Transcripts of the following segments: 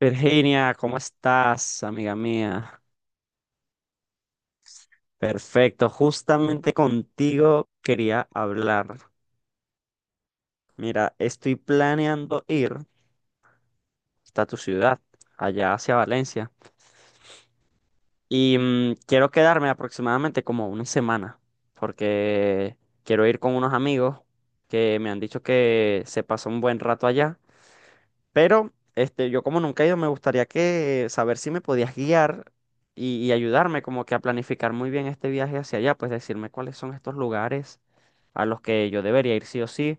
Virginia, ¿cómo estás, amiga mía? Perfecto, justamente contigo quería hablar. Mira, estoy planeando ir hasta tu ciudad, allá hacia Valencia, y quiero quedarme aproximadamente como una semana, porque quiero ir con unos amigos que me han dicho que se pasó un buen rato allá. Pero este, yo como nunca he ido, me gustaría que saber si me podías guiar y ayudarme como que a planificar muy bien este viaje hacia allá, pues decirme cuáles son estos lugares a los que yo debería ir sí o sí.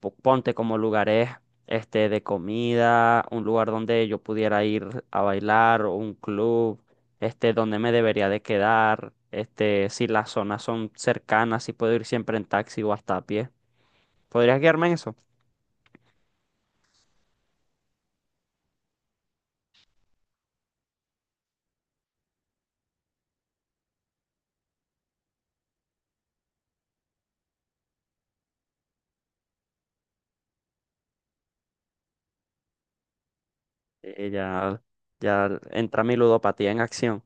Ponte como lugares este, de comida, un lugar donde yo pudiera ir a bailar, o un club, este, donde me debería de quedar, este, si las zonas son cercanas, si puedo ir siempre en taxi o hasta a pie. ¿Podrías guiarme en eso? Ya, ya entra mi ludopatía en acción.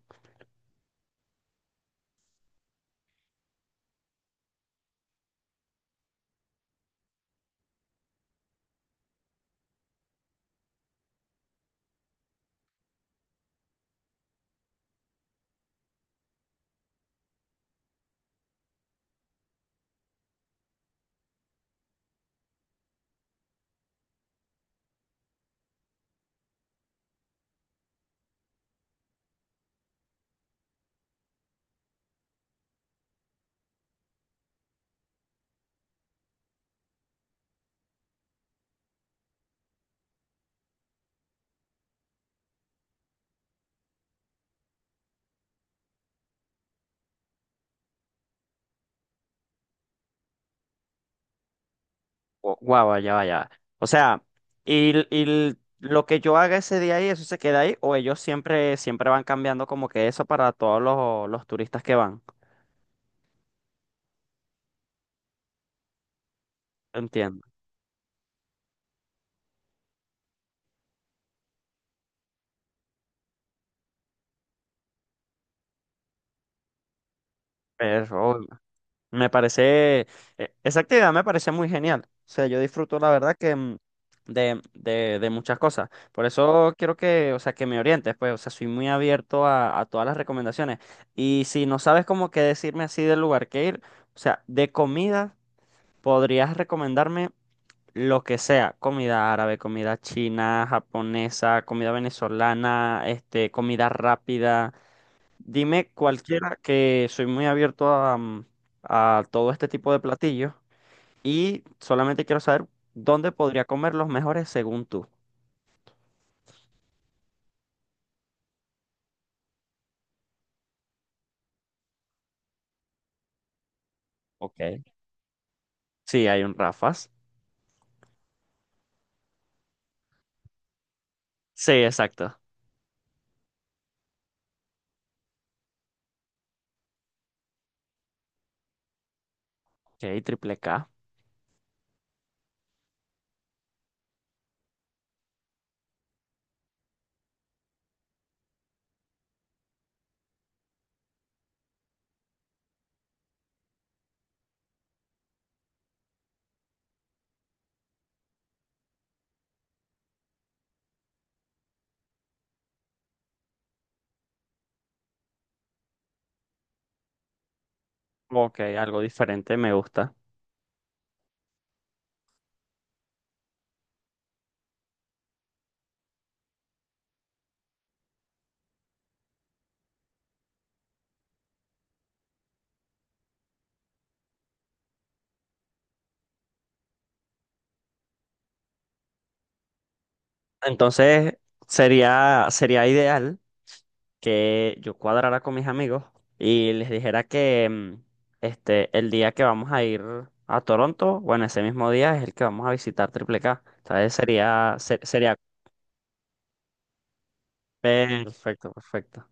Guau, ya vaya. O sea, y lo que yo haga ese día ahí, ¿eso se queda ahí? ¿O ellos siempre van cambiando como que eso para todos los turistas que van? Entiendo. Pero me parece, esa actividad me parece muy genial. O sea, yo disfruto la verdad que de muchas cosas. Por eso quiero que, o sea, que me orientes, pues, o sea, soy muy abierto a todas las recomendaciones. Y si no sabes como qué decirme así del lugar que ir, o sea, de comida. ¿Podrías recomendarme? Lo que sea, comida árabe, comida china, japonesa, comida venezolana, este, comida rápida. Dime cualquiera que soy muy abierto a, a todo este tipo de platillos y solamente quiero saber dónde podría comer los mejores según tú. Ok. Sí, hay un Rafas. Sí, exacto. Ok, triple K. Ok, algo diferente, me gusta. Entonces, sería ideal, que yo cuadrara con mis amigos y les dijera que este, el día que vamos a ir a Toronto, bueno, ese mismo día es el que vamos a visitar Triple K. Entonces sería perfecto, perfecto.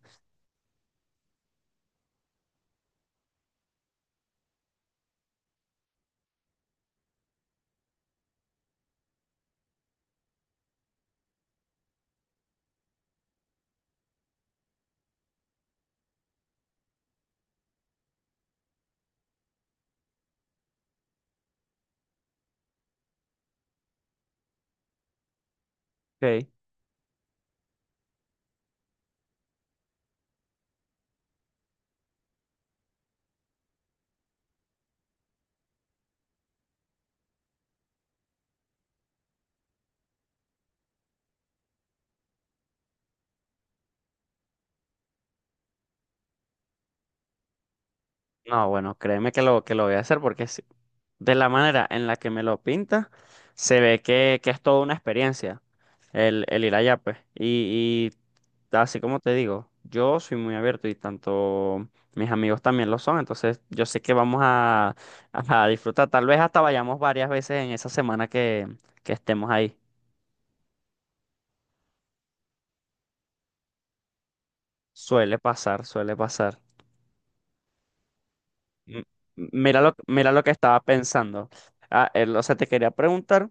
Ok. No, bueno, créeme que que lo voy a hacer porque sí, de la manera en la que me lo pinta, se ve que es toda una experiencia el ir allá, pues. Y así como te digo, yo soy muy abierto y tanto mis amigos también lo son, entonces yo sé que vamos a disfrutar. Tal vez hasta vayamos varias veces en esa semana que estemos ahí. Suele pasar, suele pasar. M- mira lo que estaba pensando. Ah, o sea, te quería preguntar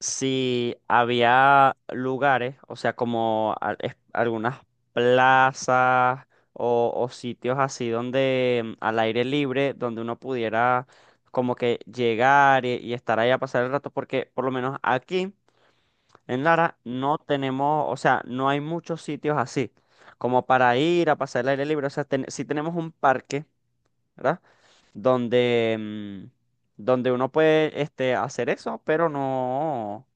si había lugares, o sea, algunas plazas o sitios así donde al aire libre, donde uno pudiera como que llegar y estar ahí a pasar el rato, porque por lo menos aquí en Lara no tenemos, o sea, no hay muchos sitios así, como para ir a pasar el aire libre, o sea, sí tenemos un parque, ¿verdad? Donde, donde uno puede este, hacer eso, pero no.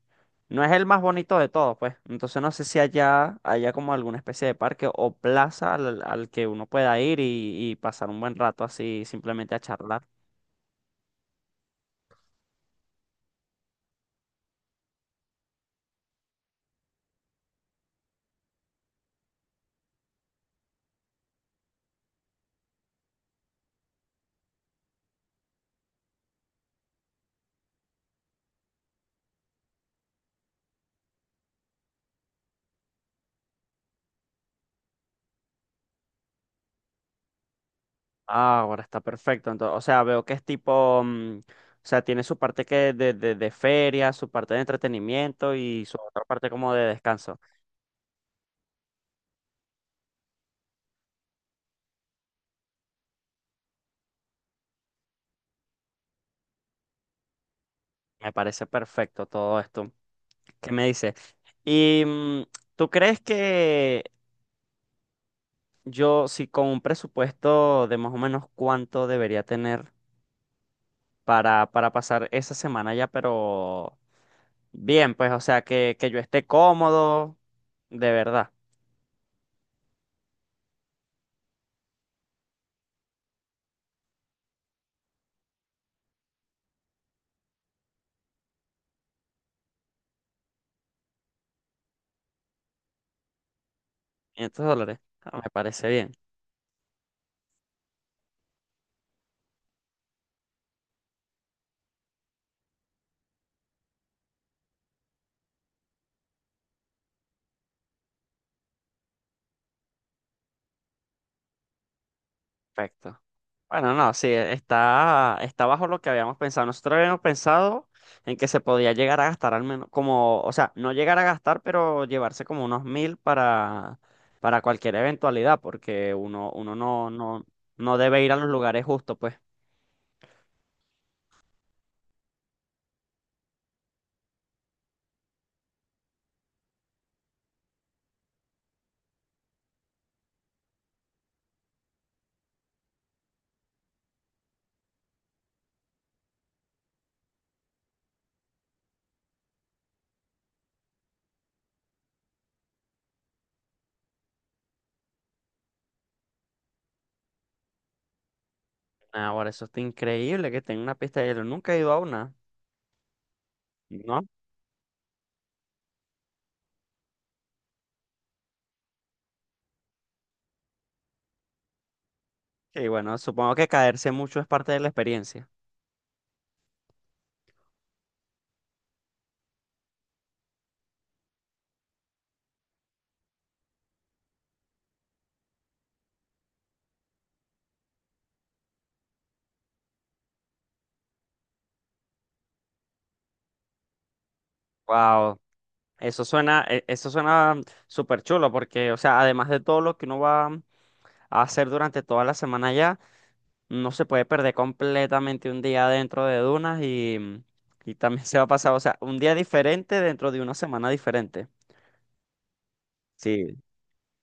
No es el más bonito de todos, pues. Entonces no sé si allá haya como alguna especie de parque o plaza al que uno pueda ir y pasar un buen rato así, simplemente a charlar. Ah, ahora está perfecto. Entonces, o sea, veo que es tipo, o sea, tiene su parte de feria, su parte de entretenimiento y su otra parte como de descanso. Me parece perfecto todo esto. ¿Qué me dices? ¿Y tú crees que yo, si con un presupuesto de más o menos cuánto debería tener? Para pasar esa semana ya, pero bien, pues, o sea, que yo esté cómodo, de verdad. $500, ah, me parece bien, perfecto. Bueno, no, sí, e, está, está bajo lo que habíamos pensado. Nosotros habíamos pensado en que se podía llegar a gastar al menos, como, o sea, no llegar a gastar, pero llevarse como unos mil para cualquier eventualidad, porque uno no, no, no debe ir a los lugares justos, pues. Ahora, eso está increíble que tenga una pista de hielo. Nunca he ido a una. ¿No? Y bueno, supongo que caerse mucho es parte de la experiencia. Wow, eso suena, eso suena súper chulo porque, o sea, además de todo lo que uno va a hacer durante toda la semana ya, no se puede perder completamente un día dentro de dunas y y también se va a pasar, o sea, un día diferente dentro de una semana diferente. Sí,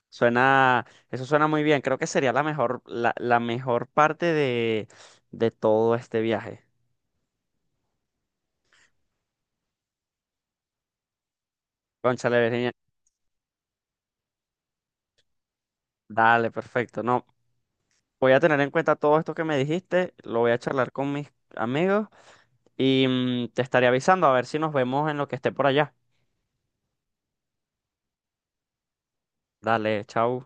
suena, eso suena muy bien. Creo que sería la mejor, la mejor parte de todo este viaje. Cónchale, Virginia. Dale, perfecto. No, voy a tener en cuenta todo esto que me dijiste, lo voy a charlar con mis amigos y te estaré avisando a ver si nos vemos en lo que esté por allá. Dale, chao.